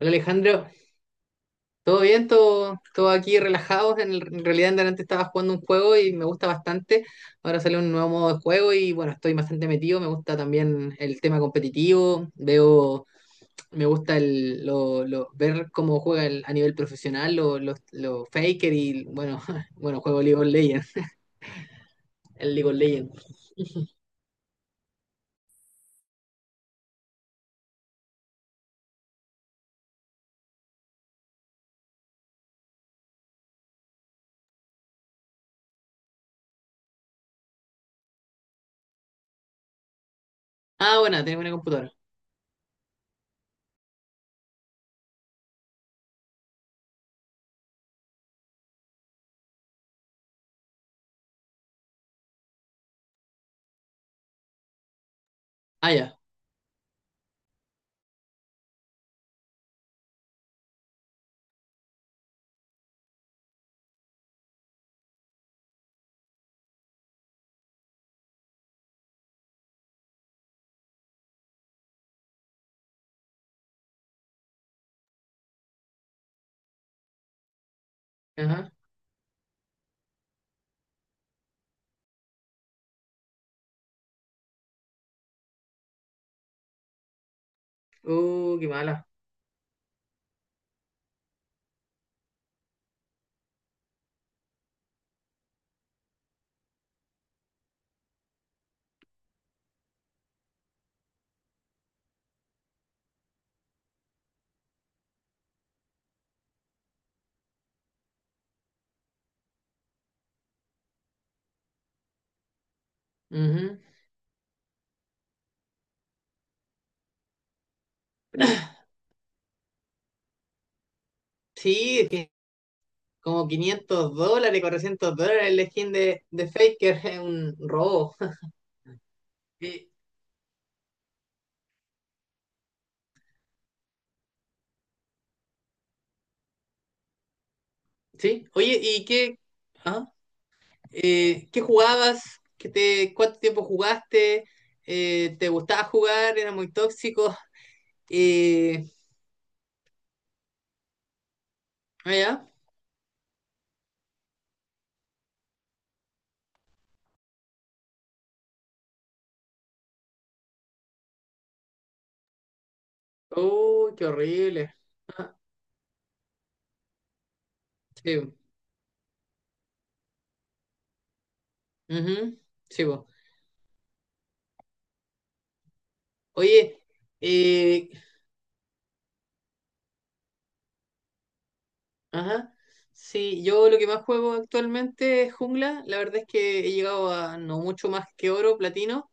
Hola Alejandro, ¿todo bien? ¿Todo aquí relajados? En realidad en delante estaba jugando un juego y me gusta bastante. Ahora sale un nuevo modo de juego y bueno, estoy bastante metido. Me gusta también el tema competitivo. Me gusta ver cómo juega a nivel profesional los faker y bueno, bueno, juego League of Legends, el League of Legends. Ah, bueno, tengo una computadora. Ah, ya. Ajá. Qué mala. Ujú. Sí, como $500, $400 el skin de, Faker, es un robo. Eh, sí, oye, ¿y ah, qué jugabas? ¿ cuánto tiempo jugaste? ¿Te gustaba jugar? ¿Era muy tóxico? Eh, ya. Uy, qué horrible. Ah, sí, ujú, sí, po. Oye, eh, ajá. Sí, yo lo que más juego actualmente es jungla. La verdad es que he llegado a no mucho más que oro, platino.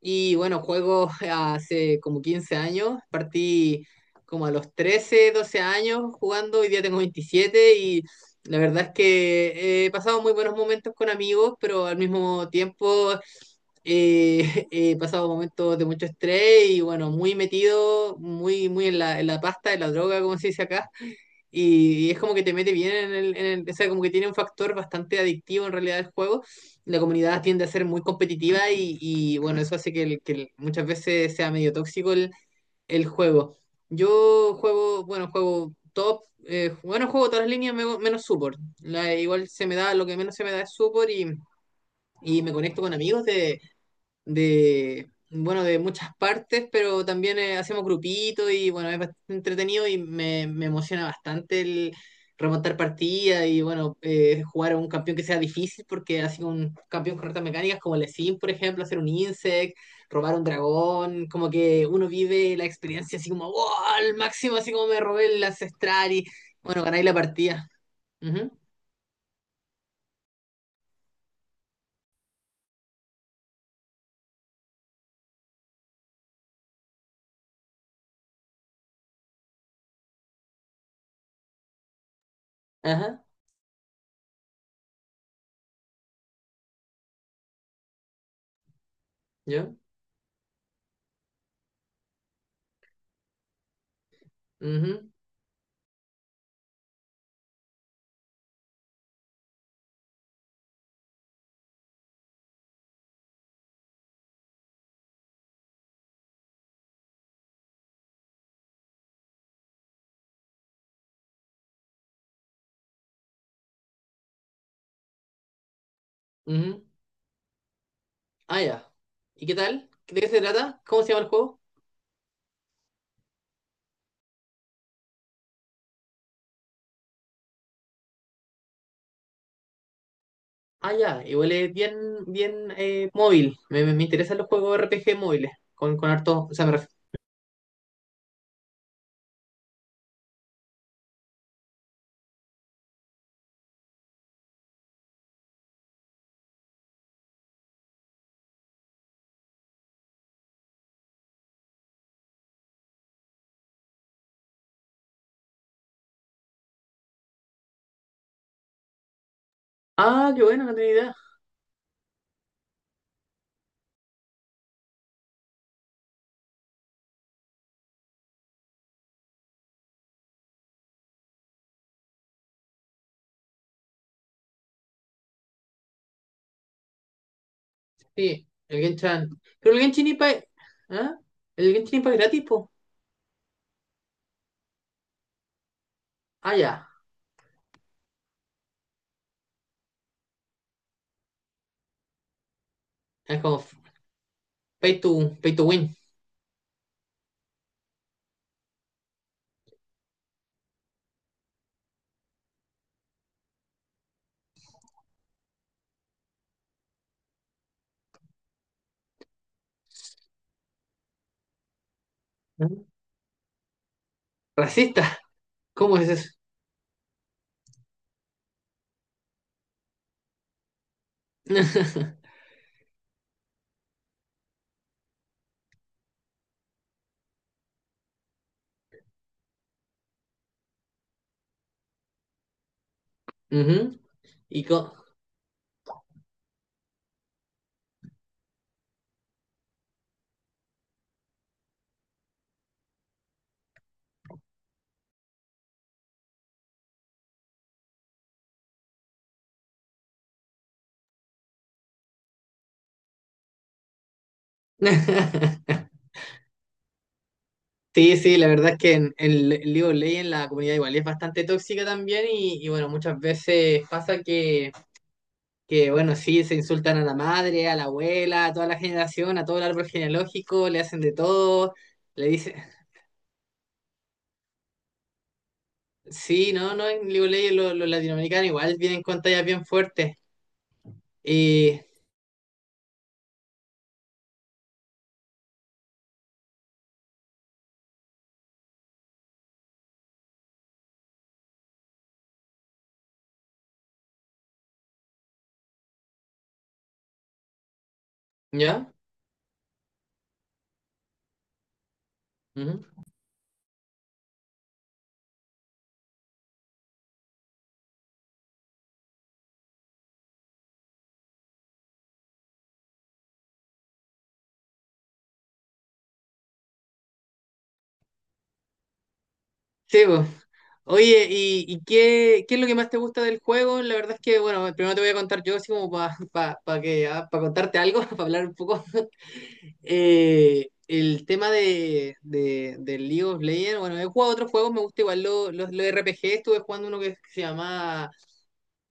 Y bueno, juego hace como 15 años, partí como a los 13 12 años jugando, hoy día tengo 27 y la verdad es que he pasado muy buenos momentos con amigos, pero al mismo tiempo he pasado momentos de mucho estrés y bueno, muy metido, muy, muy en la, pasta, en la droga, como se dice acá. Y es como que te mete bien O sea, como que tiene un factor bastante adictivo en realidad el juego. La comunidad tiende a ser muy competitiva y, bueno, eso hace que, muchas veces sea medio tóxico el juego. Yo juego, bueno, juego top. Bueno, juego todas las líneas menos support. Igual se me da, lo que menos se me da es support y me conecto con amigos bueno, de muchas partes, pero también hacemos grupitos y bueno, es bastante entretenido y me emociona bastante el remontar partidas y bueno, jugar a un campeón que sea difícil porque así un campeón con retas mecánicas como el Sim, por ejemplo, hacer un insect, robar un dragón, como que uno vive la experiencia así como wow, al máximo, así como me robé el ancestral y bueno, ganáis la partida. Ujú. Ajá. Yo. Ujú. Ujú. Ah, ya. ¿Y qué tal? ¿De qué se trata? ¿Cómo se llama el juego? Ah, ya. Igual es bien, bien móvil. Me interesan los juegos RPG móviles. Con harto. O sea, Ah, qué bueno, no tenía idea. Sí, el Genshin. Pero el Genshin Impact. ¿Ah? El Genshin Impact es gratis, po. Ah, ya. Es como pay to, pay to win. ¿Ah? Racista. ¿Cómo es eso? Ujú. Y co- Sí, sí, la verdad es que en League of Legends la comunidad igual es bastante tóxica también y bueno, muchas veces pasa que, bueno, sí, se insultan a la madre, a la abuela, a toda la generación, a todo el árbol genealógico, le hacen de todo, le dicen, sí, no, no, en League of Legends los latinoamericanos igual vienen con tallas bien fuertes. Y, ¿Ya? Ujú. Sí, pues. Oye, ¿y qué es lo que más te gusta del juego? La verdad es que, bueno, primero te voy a contar yo, así como para que, pa contarte algo, para hablar un poco. El tema del League of Legends, bueno, he jugado otros juegos, me gusta igual los RPG, estuve jugando uno que se llama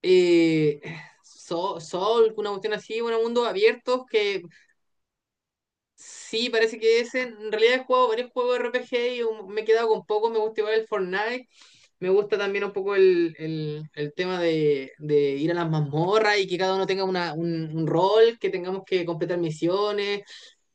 eh, Soul, una cuestión así, bueno, mundos abiertos, que sí, parece que ese, en realidad he jugado varios juegos de RPG y me he quedado con poco, me gusta igual el Fortnite, me gusta también un poco el tema de, ir a las mazmorras y que cada uno tenga un rol, que tengamos que completar misiones,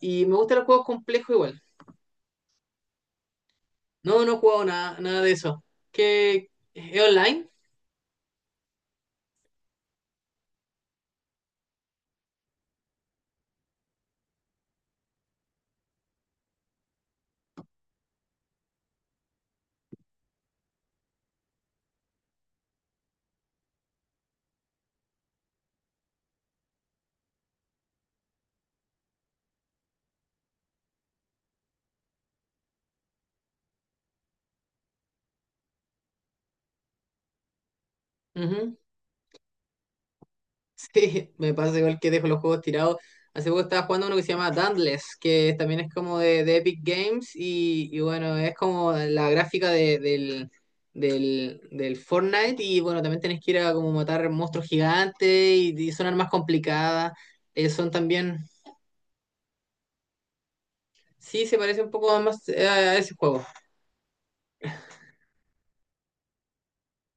y me gustan los juegos complejos igual. No, no he jugado nada, nada de eso. ¿Qué? ¿Es online? Ujú. Sí, me pasa igual que dejo los juegos tirados. Hace poco estaba jugando uno que se llama Dauntless, que también es como de Epic Games y bueno, es como la gráfica del Fortnite y bueno, también tenés que ir a como matar monstruos gigantes y son armas complicadas. Son también... Sí, se parece un poco más a ese juego.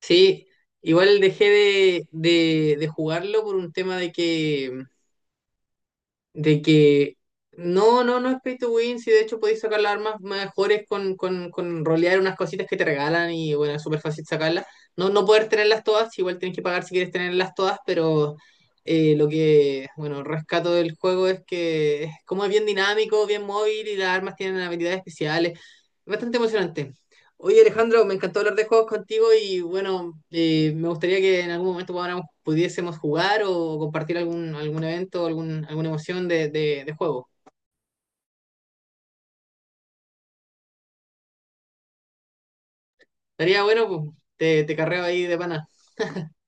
Sí, igual dejé de jugarlo por un tema de que de que no, no, no es pay to win, si de hecho podéis sacar las armas mejores con rolear unas cositas que te regalan y bueno, es súper fácil sacarlas. No, no poder tenerlas todas, igual tienes que pagar si quieres tenerlas todas, pero lo que, bueno, rescato del juego es que es como es bien dinámico, bien móvil y las armas tienen habilidades especiales. Es bastante emocionante. Oye Alejandro, me encantó hablar de juegos contigo y bueno, me gustaría que en algún momento pudiésemos jugar o compartir algún evento, alguna emoción de juego. Estaría bueno, pues, te carreo ahí de pana.